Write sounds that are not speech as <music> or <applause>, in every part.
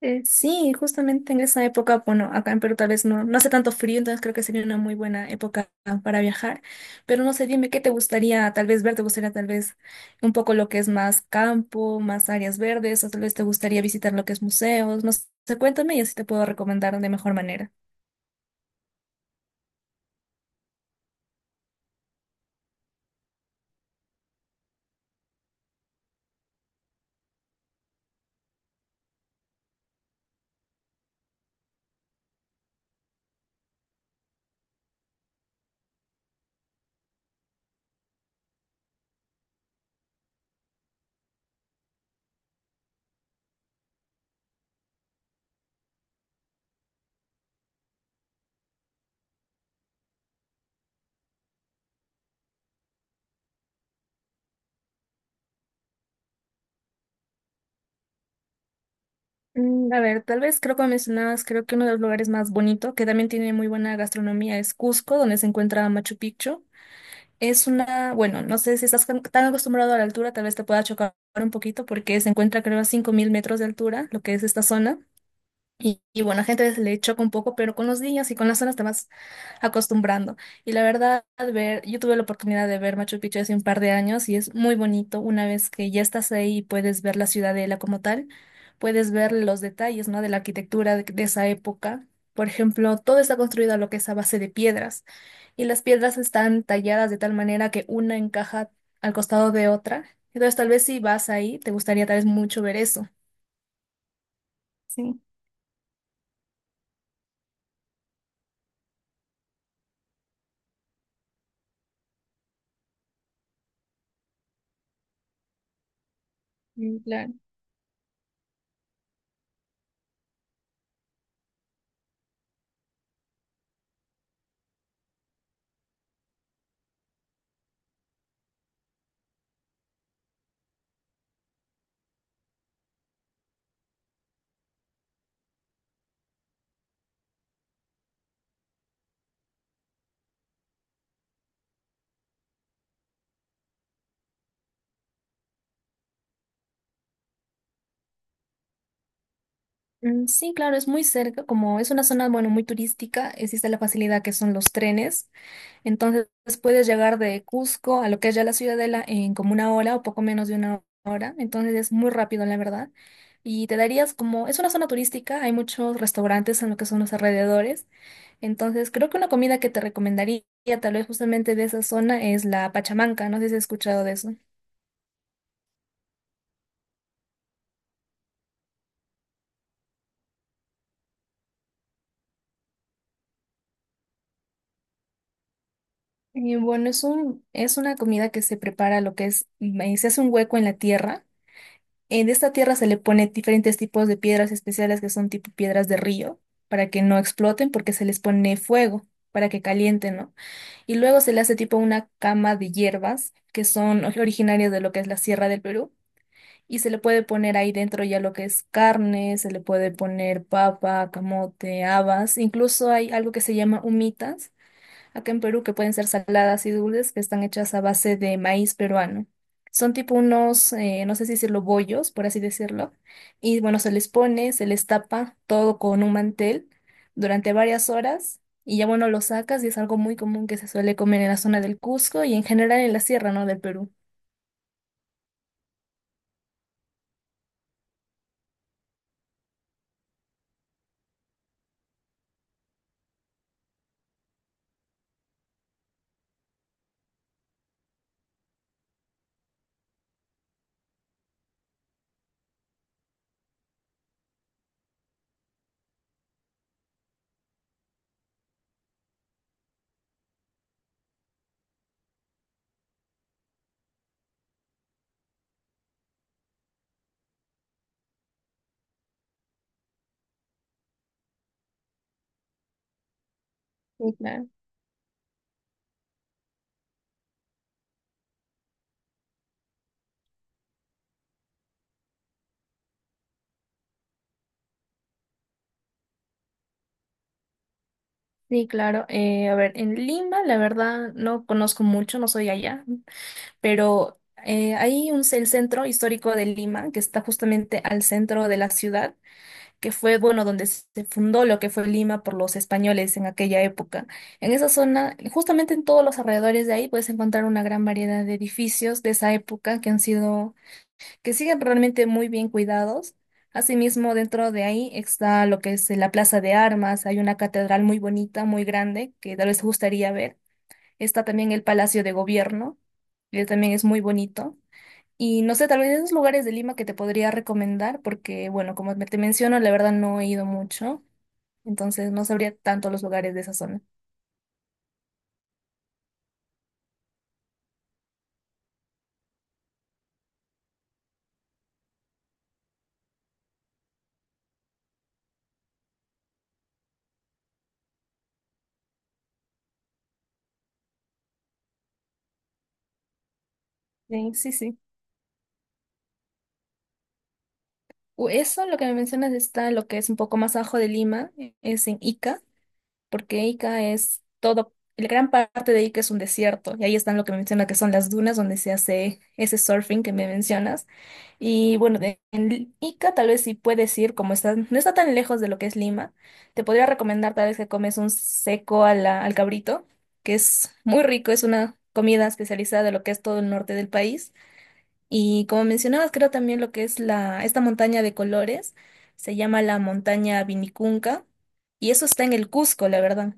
Sí, justamente en esa época, bueno, acá en Perú tal vez no hace tanto frío, entonces creo que sería una muy buena época para viajar, pero no sé, dime qué te gustaría tal vez ver, te gustaría tal vez un poco lo que es más campo, más áreas verdes, o tal vez te gustaría visitar lo que es museos, no sé, cuéntame y así te puedo recomendar de mejor manera. A ver, tal vez creo que mencionabas, creo que uno de los lugares más bonitos que también tiene muy buena gastronomía, es Cusco, donde se encuentra Machu Picchu. Es una, bueno, no sé si estás tan acostumbrado a la altura, tal vez te pueda chocar un poquito porque se encuentra creo a 5000 metros de altura, lo que es esta zona. Y bueno, a gente le choca un poco, pero con los días y con las zonas te vas acostumbrando. Y la verdad, ver, yo tuve la oportunidad de ver Machu Picchu hace un par de años y es muy bonito una vez que ya estás ahí y puedes ver la ciudadela como tal, puedes ver los detalles, ¿no? De la arquitectura de esa época. Por ejemplo, todo está construido a lo que es a base de piedras y las piedras están talladas de tal manera que una encaja al costado de otra. Entonces, tal vez si vas ahí, te gustaría tal vez mucho ver eso. Sí, claro. Sí, claro, es muy cerca, como es una zona, bueno, muy turística, existe la facilidad que son los trenes. Entonces puedes llegar de Cusco a lo que es ya la Ciudadela en como una hora o poco menos de una hora. Entonces es muy rápido, la verdad. Y te darías como, es una zona turística, hay muchos restaurantes en lo que son los alrededores. Entonces creo que una comida que te recomendaría tal vez justamente de esa zona es la pachamanca. No sé si has escuchado de eso. Y bueno, es un, es una comida que se prepara lo que es, se hace un hueco en la tierra. En esta tierra se le pone diferentes tipos de piedras especiales que son tipo piedras de río, para que no exploten, porque se les pone fuego, para que calienten, ¿no? Y luego se le hace tipo una cama de hierbas, que son <laughs> originarias de lo que es la Sierra del Perú, y se le puede poner ahí dentro ya lo que es carne, se le puede poner papa, camote, habas, incluso hay algo que se llama humitas acá en Perú que pueden ser saladas y dulces que están hechas a base de maíz peruano. Son tipo unos, no sé si decirlo, bollos, por así decirlo. Y bueno, se les pone, se les tapa todo con un mantel durante varias horas y ya bueno, lo sacas y es algo muy común que se suele comer en la zona del Cusco y en general en la sierra, ¿no? Del Perú. Sí, claro. Sí, claro. A ver, en Lima, la verdad, no conozco mucho, no soy allá, pero hay un, el centro histórico de Lima, que está justamente al centro de la ciudad, que fue, bueno, donde se fundó lo que fue Lima por los españoles en aquella época. En esa zona, justamente en todos los alrededores de ahí, puedes encontrar una gran variedad de edificios de esa época que han sido, que siguen realmente muy bien cuidados. Asimismo, dentro de ahí está lo que es la Plaza de Armas, hay una catedral muy bonita, muy grande, que tal vez te gustaría ver. Está también el Palacio de Gobierno, que también es muy bonito. Y no sé, tal vez esos lugares de Lima que te podría recomendar, porque bueno, como te menciono, la verdad no he ido mucho, entonces no sabría tanto los lugares de esa zona. Sí. Eso, lo que me mencionas, está lo que es un poco más abajo de Lima, es en Ica. Porque Ica es todo, la gran parte de Ica es un desierto, y ahí están lo que me menciona que son las dunas donde se hace ese surfing que me mencionas. Y bueno, de, en Ica tal vez sí puedes ir, como está, no está tan lejos de lo que es Lima, te podría recomendar tal vez que comes un seco al cabrito, que es muy rico, es una comida especializada de lo que es todo el norte del país. Y como mencionabas, creo también lo que es la, esta montaña de colores, se llama la montaña Vinicunca, y eso está en el Cusco, la verdad.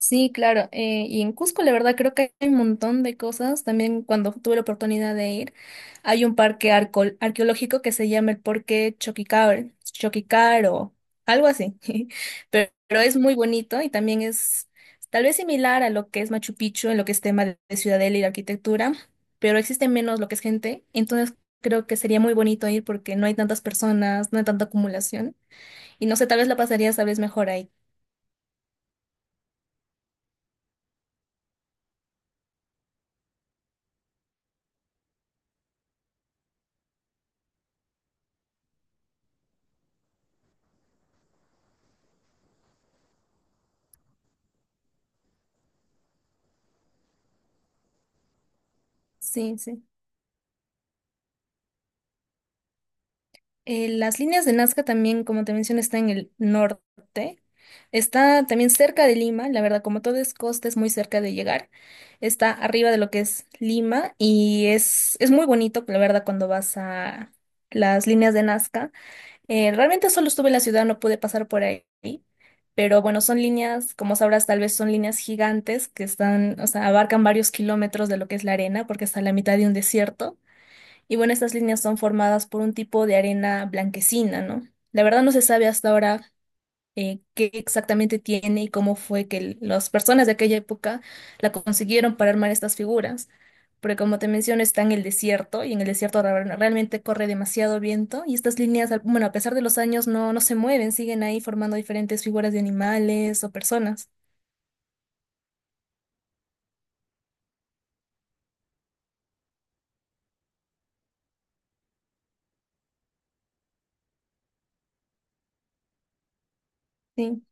Sí, claro. Y en Cusco, la verdad, creo que hay un montón de cosas. También cuando tuve la oportunidad de ir, hay un parque arqueológico que se llama el Parque Choquicar, Choquicar o algo así. <laughs> Pero es muy bonito y también es tal vez similar a lo que es Machu Picchu en lo que es tema de ciudadela y de arquitectura, pero existe menos lo que es gente. Entonces creo que sería muy bonito ir porque no hay tantas personas, no hay tanta acumulación. Y no sé, tal vez la pasarías tal vez mejor ahí. Sí, sí. Las líneas de Nazca también, como te mencioné, está en el norte. Está también cerca de Lima, la verdad, como todo es costa, es muy cerca de llegar. Está arriba de lo que es Lima y es muy bonito, la verdad, cuando vas a las líneas de Nazca. Realmente solo estuve en la ciudad, no pude pasar por ahí, pero bueno, son líneas, como sabrás, tal vez son líneas gigantes que están, o sea, abarcan varios kilómetros de lo que es la arena, porque está en la mitad de un desierto. Y bueno, estas líneas son formadas por un tipo de arena blanquecina, ¿no? La verdad no se sabe hasta ahora qué exactamente tiene y cómo fue que las personas de aquella época la consiguieron para armar estas figuras. Porque como te menciono, está en el desierto y en el desierto realmente corre demasiado viento y estas líneas, al- bueno, a pesar de los años, no se mueven, siguen ahí formando diferentes figuras de animales o personas. Sí.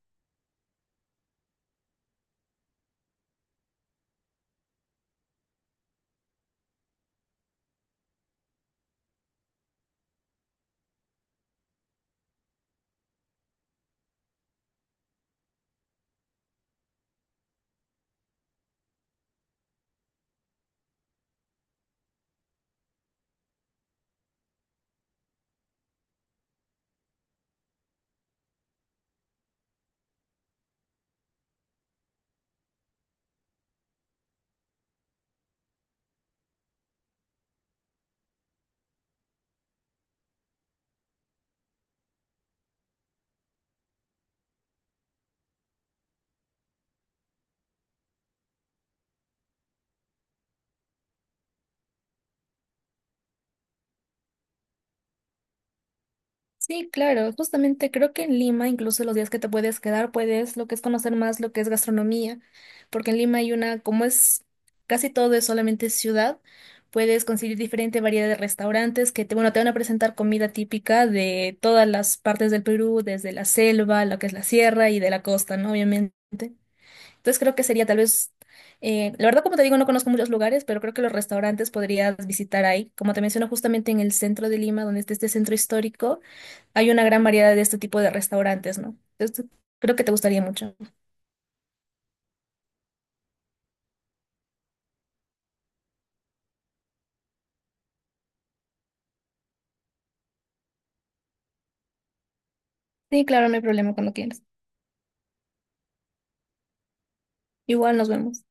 Sí, claro, justamente creo que en Lima, incluso los días que te puedes quedar, puedes lo que es conocer más lo que es gastronomía, porque en Lima hay una, como es casi todo es solamente ciudad, puedes conseguir diferente variedad de restaurantes que te, bueno, te van a presentar comida típica de todas las partes del Perú, desde la selva, lo que es la sierra y de la costa, ¿no? Obviamente. Entonces creo que sería tal vez, la verdad como te digo, no conozco muchos lugares, pero creo que los restaurantes podrías visitar ahí. Como te menciono, justamente en el centro de Lima, donde está este centro histórico hay una gran variedad de este tipo de restaurantes, ¿no? Entonces, creo que te gustaría mucho. Sí, claro, no hay problema cuando quieras. Igual nos vemos.